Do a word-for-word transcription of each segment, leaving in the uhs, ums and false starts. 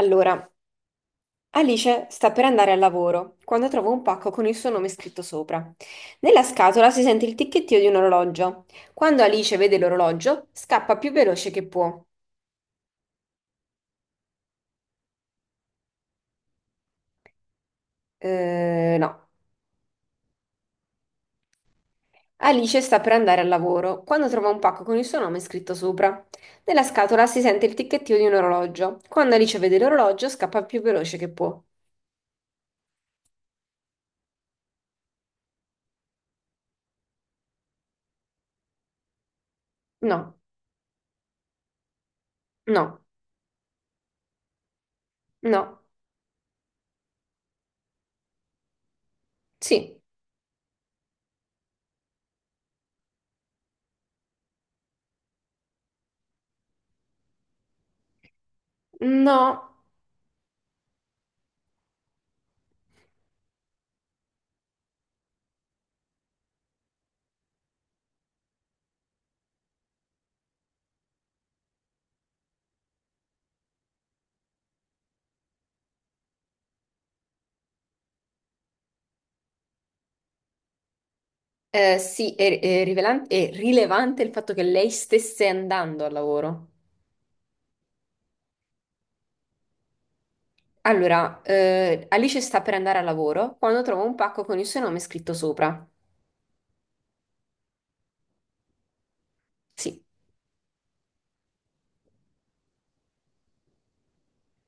Allora, Alice sta per andare al lavoro quando trova un pacco con il suo nome scritto sopra. Nella scatola si sente il ticchettio di un orologio. Quando Alice vede l'orologio, scappa più veloce che può. Eh, no. Alice sta per andare al lavoro quando trova un pacco con il suo nome scritto sopra. Nella scatola si sente il ticchettio di un orologio. Quando Alice vede l'orologio, scappa più veloce che può. No, no, no, sì, no. Eh, sì, è, è rivelan- è rilevante il fatto che lei stesse andando al lavoro. Allora, eh, Alice sta per andare al lavoro quando trova un pacco con il suo nome scritto sopra. Sì.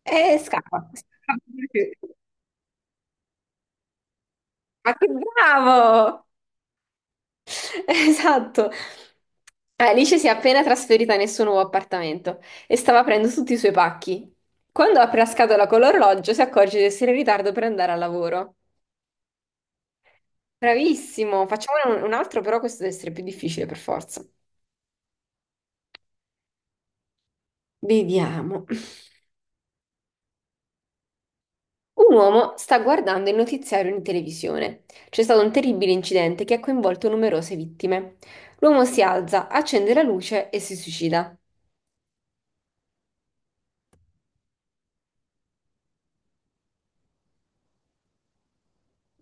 E scappa. Ma che bravo! Esatto. Alice si è appena trasferita nel suo nuovo appartamento e stava aprendo tutti i suoi pacchi. Quando apre la scatola con l'orologio, si accorge di essere in ritardo per andare al lavoro. Bravissimo, facciamone un un altro, però questo deve essere più difficile per forza. Vediamo. Un uomo sta guardando il notiziario in televisione. C'è stato un terribile incidente che ha coinvolto numerose vittime. L'uomo si alza, accende la luce e si suicida.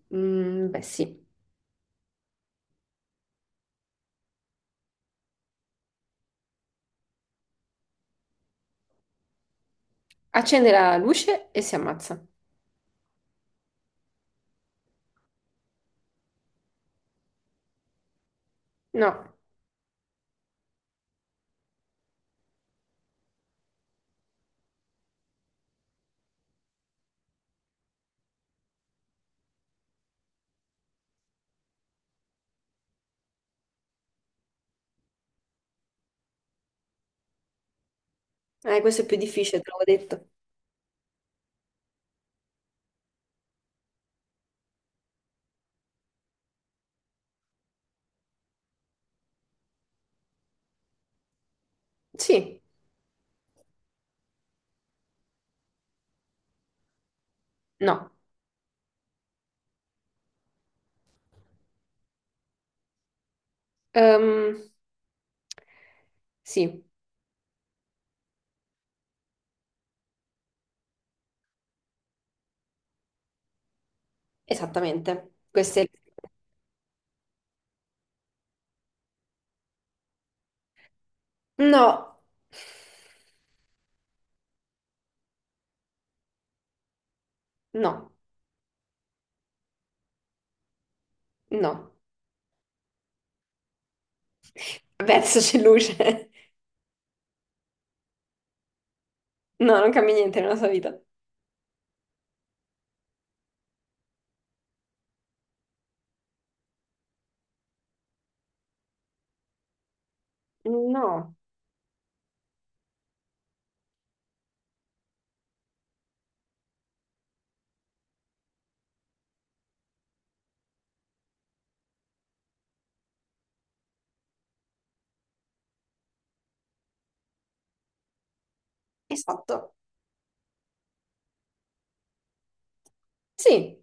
Mm, beh, sì. Accende la luce e si ammazza. No, eh, questo è più difficile, te l'avevo detto. Sì, no. Ehm, sì, esattamente. Questo è... No, no. No, verso c'è luce. No, non cambia niente nella sua vita. No, esatto. Sì,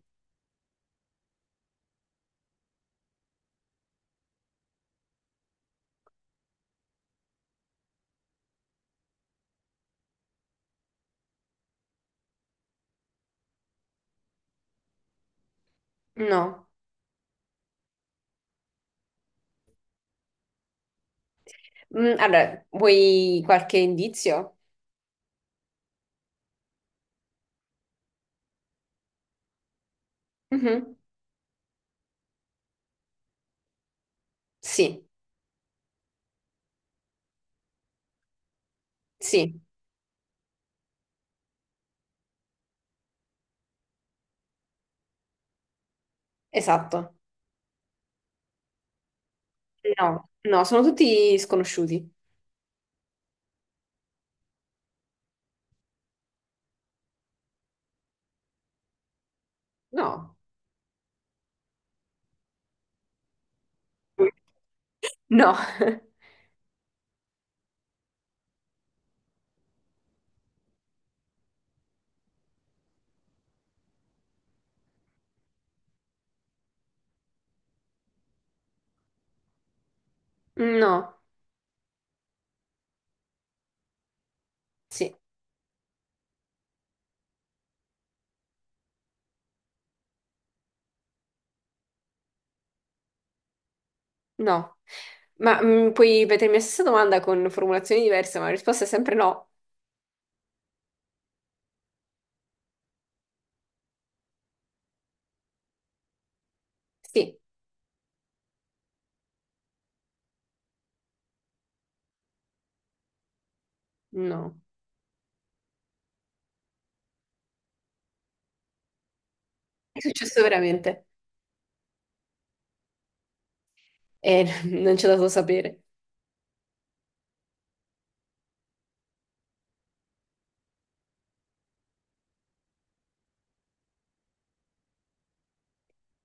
no. Mm, allora, vuoi qualche indizio? Mhm. Sì, sì, esatto. No, no, sono tutti sconosciuti. No. No, no, sì, no. Ma mm, puoi ripetermi la stessa domanda con formulazioni diverse, ma la risposta è sempre no. Sì, no. È successo veramente. Eh, non c'è dato sapere.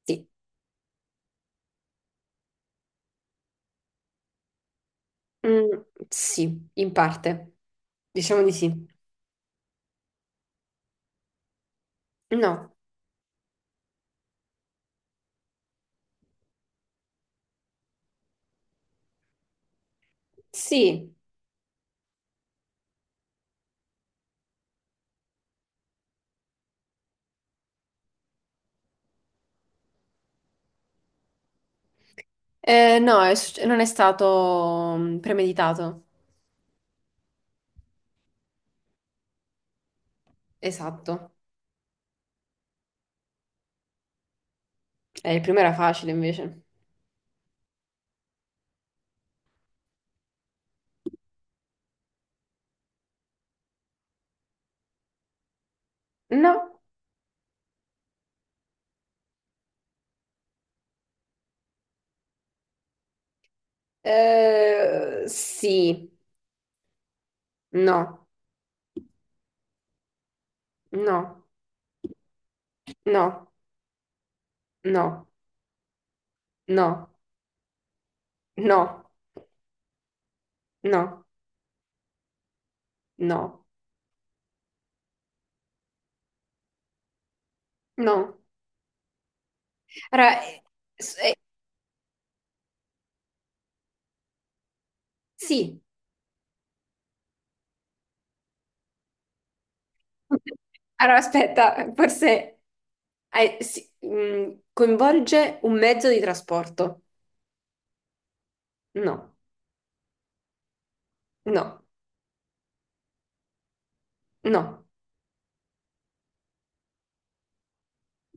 Sì. Mm, sì, in parte. Diciamo di sì. No. Sì. Eh, no, è succe- non è stato mm, premeditato. Esatto. Eh, il primo era facile invece. No, eh, sì, no, no, no, no, no, no, no, no, no. Allora, eh, s- eh, sì. Allora, aspetta, forse eh, sì, mm, coinvolge un mezzo di trasporto. No, no, no,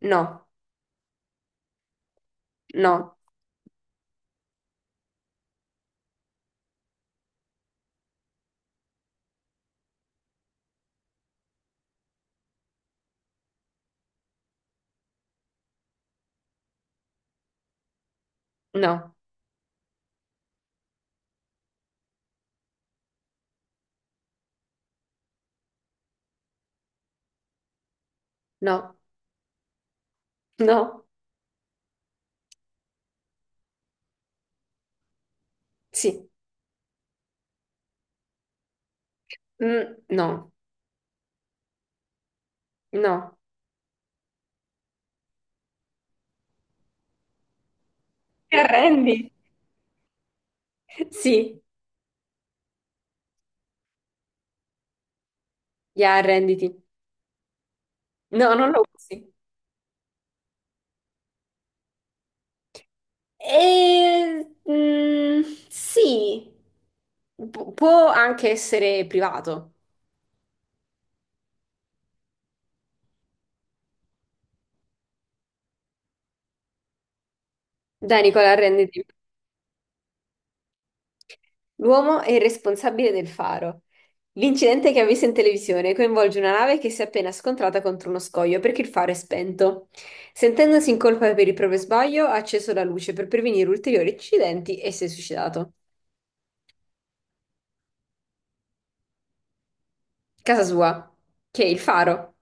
no, no, no, no, no, sì, mm, no, no. Ti arrendi? Sì, ya, arrenditi. No, non lo usi. E, mm, sì, Pu- può anche essere privato. Dai, Nicola, arrenditi. L'uomo è il responsabile del faro. L'incidente che ha visto in televisione coinvolge una nave che si è appena scontrata contro uno scoglio perché il faro è spento. Sentendosi in colpa per il proprio sbaglio, ha acceso la luce per prevenire ulteriori incidenti e si è suicidato. Casa sua, che è il faro.